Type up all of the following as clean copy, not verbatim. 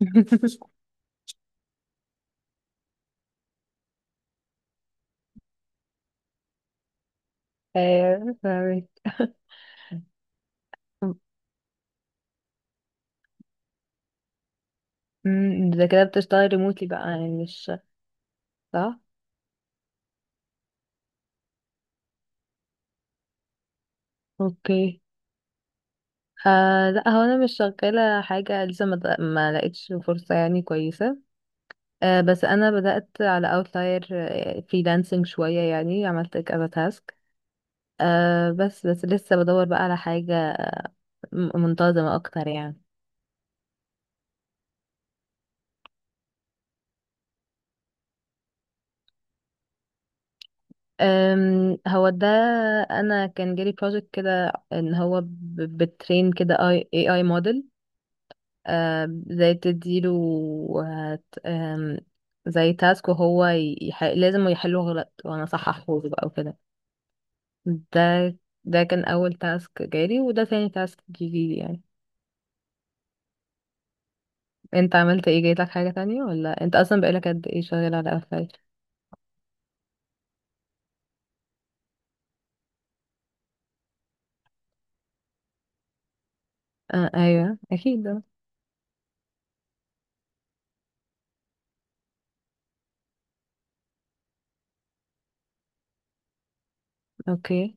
فاهمك. ده كده بتشتغلي ريموتلي بقى، يعني مش صح. اوكي. آه لا، هو انا مش شغاله حاجه لسه، ما لقيتش فرصه يعني كويسه. آه بس انا بدات على اوتلاير فريلانسنج شويه، يعني عملت كذا تاسك. آه، بس بس لسه بدور بقى على حاجه منتظمه اكتر يعني. هو ده. انا كان جالي بروجكت كده ان هو بترين كده اي، اي موديل. زي تديله، هت... آم، زي تاسك وهو لازم يحله غلط وانا صححه بقى وكده. ده ده كان اول تاسك جالي، وده تاني تاسك جيلي يعني. انت عملت ايه؟ جايلك حاجة تانية ولا انت اصلا بقالك قد ايه شغال على قفايل؟ آه ايوه اكيد آه. اوكي.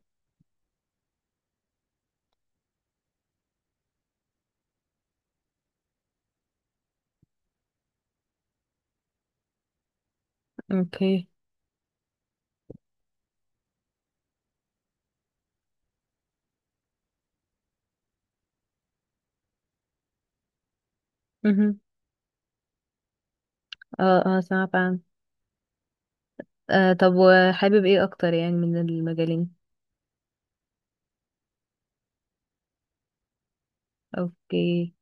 اوكي مهم. اه اه سمعت عنه. آه، طب وحابب ايه اكتر يعني من المجالين؟ اوكي.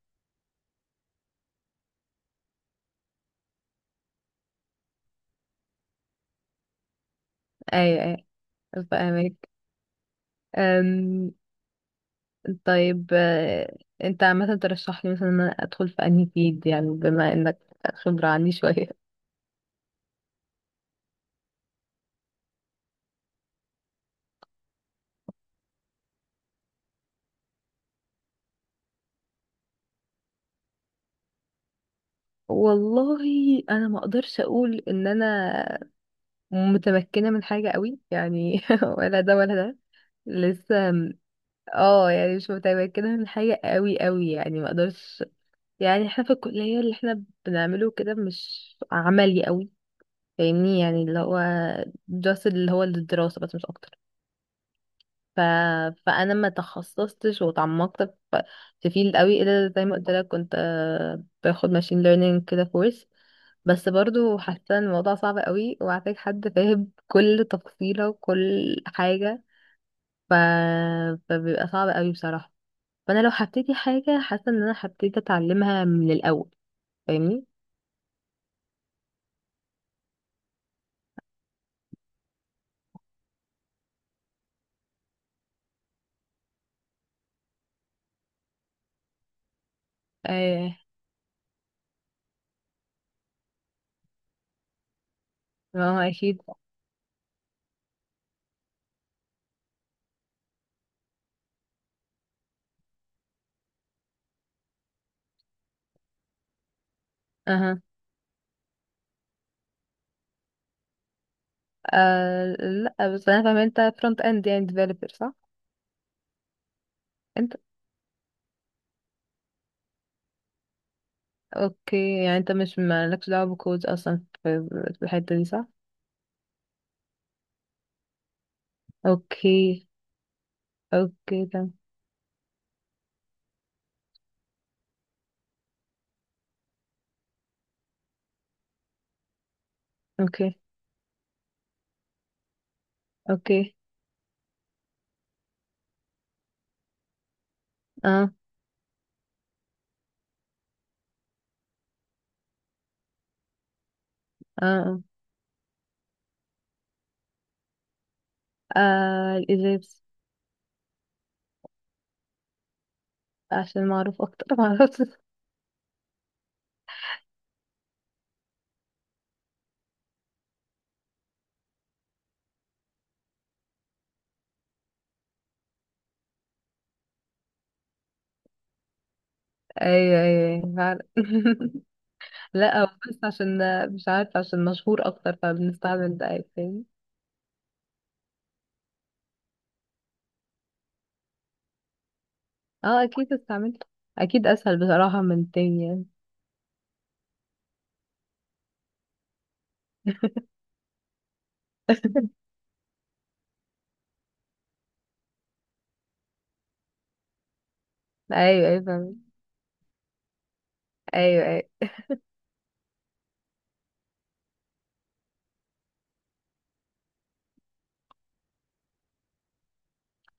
ايوه ايوه فاهمك. طيب، انت عامة ترشح لي مثلا ان انا ادخل في انهي فيلد يعني، بما انك خبرة عني شوية. والله انا ما اقدرش اقول ان انا متمكنة من حاجة قوي يعني، ولا ده ولا ده. لسه م- اه يعني مش متمكنة من حاجة قوي قوي يعني، ما اقدرش. يعني احنا في الكلية اللي احنا بنعمله كده مش عملي قوي، فاهمني يعني. اللي هو just اللي هو الدراسة بس مش اكتر. ف... فانا ما تخصصتش وتعمقت في في فيلد قوي، الا زي ما قلت لك كنت، باخد ماشين ليرنينج كده كورس. بس برضو حاسه إن الموضوع صعب قوي، وعايزك حد فاهم كل تفصيله وكل حاجه. ف... فبيبقى صعب قوي بصراحه. فانا لو هبتدي حاجه حاسه ان انا هبتدي اتعلمها من الاول، فاهمني. ايه. ما هو اكيد. اها. آه لا بس انا فاهمه انت فرونت اند يعني ديفلوبر، صح؟ انت. اوكي، يعني انت مش مالكش دعوة بالكود اصلا في الحتة دي صح؟ اوكي. اوكي تمام. اوكي. اوكي. اه. اه اه، آه الازاز. عشان معروف اكتر معرفش. ايوه ايوه أيوة، فعلا. لا هو بس عشان مش عارفة، عشان مشهور اكتر فبنستعمل ده. أيوة، فاهم. اه اكيد استعملت، اكيد اسهل بصراحة من التاني يعني. ايوه ايوه فاهم. ايوه ايوه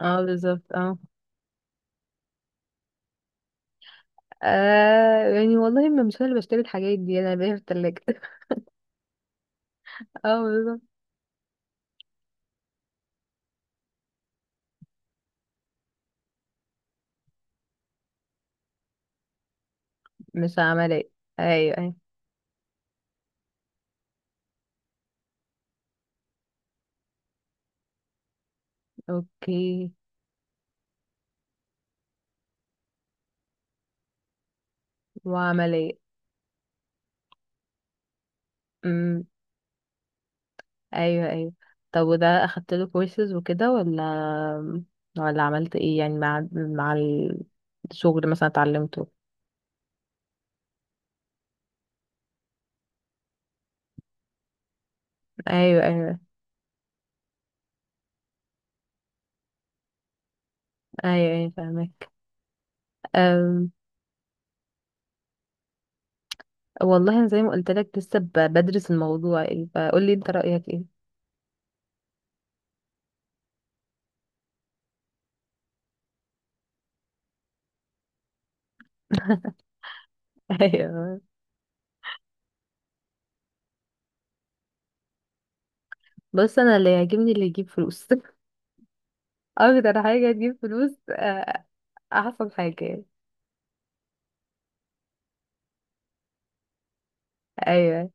اه بالظبط اه. آه يعني والله ما مش انا اللي بشتري الحاجات دي، انا بلاقيها في التلاجة. اه بالظبط. مش عملية. ايوه ايوه. اوكي. وعملية. امم، ايوه ايوه. طب وده اخدت له كورسز وكده، ولا عملت ايه يعني؟ مع الشغل مثلا اتعلمته؟ ايوه ايوه. ايوه ايوه فاهمك. أم... والله انا زي ما قلت لك لسه بدرس الموضوع، ايه فقول لي انت رأيك ايه. ايوه. بص انا اللي يعجبني اللي يجيب فلوس. اكتر حاجة تجيب فلوس، احسن حاجة يعني. ايوه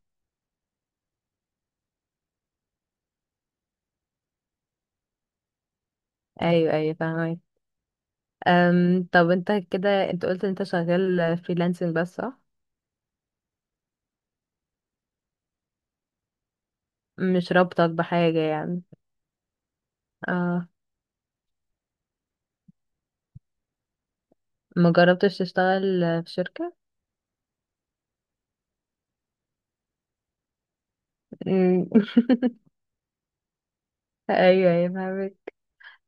ايوه ايوه فاهمك. طب انت كده، انت قلت انت شغال فريلانسنج بس صح؟ مش رابطك بحاجة يعني. اه. ما جربتش تشتغل في شركة. أمم، ايوه ايوه فاهمك.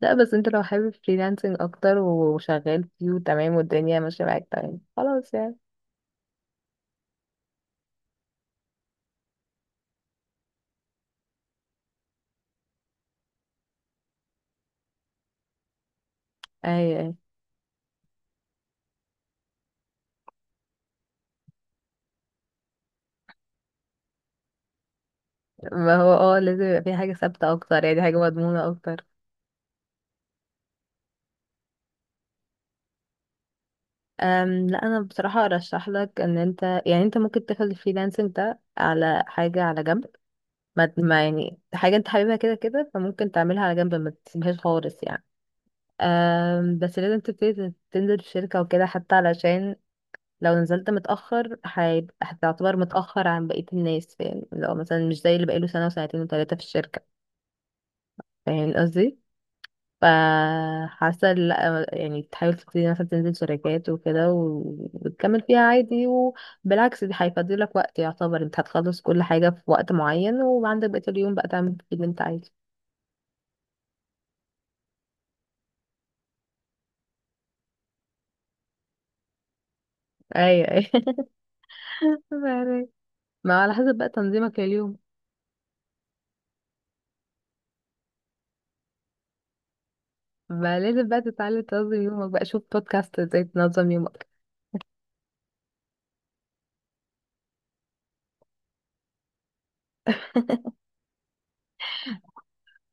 لا، بس انت لو حابب فريلانسنج اكتر وشغال فيه وتمام والدنيا ماشية معاك، تمام خلاص يعني. ايوه ايوه. ما هو لازم يبقى في حاجة ثابتة اكتر يعني، حاجة مضمونة اكتر. لا انا بصراحة ارشح لك ان انت، يعني انت ممكن تاخد الفريلانسنج ده على حاجة على جنب. ما يعني حاجة انت حاببها كده كده، فممكن تعملها على جنب ما تسيبهاش خالص يعني. بس لازم تبتدي تنزل في شركة وكده، حتى علشان لو نزلت متأخر هيبقى، هتعتبر متأخر عن بقية الناس، فاهم؟ لو مثلا مش زي اللي بقاله سنة وسنتين وتلاتة في الشركة، فاهم قصدي؟ فحاسة لا، يعني تحاول تبتدي مثلا تنزل شركات وكده وتكمل فيها عادي، وبالعكس دي هيفضلك وقت، يعتبر انت هتخلص كل حاجة في وقت معين وعندك بقية اليوم بقى تعمل فيه اللي انت عايزه. ايوه ايوه. فاهمك. ما على حسب بقى تنظيمك لليوم. ما لازم بقى تتعلم تنظم يومك، بقى شوف بودكاست ازاي تنظم يومك.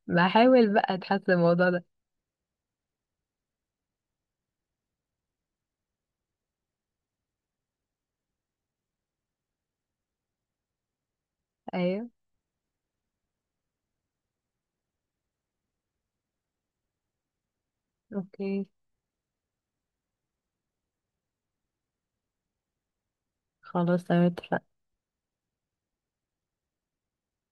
بحاول بقى تحسن الموضوع ده. ايوه اوكي خلاص تمام اتفقنا.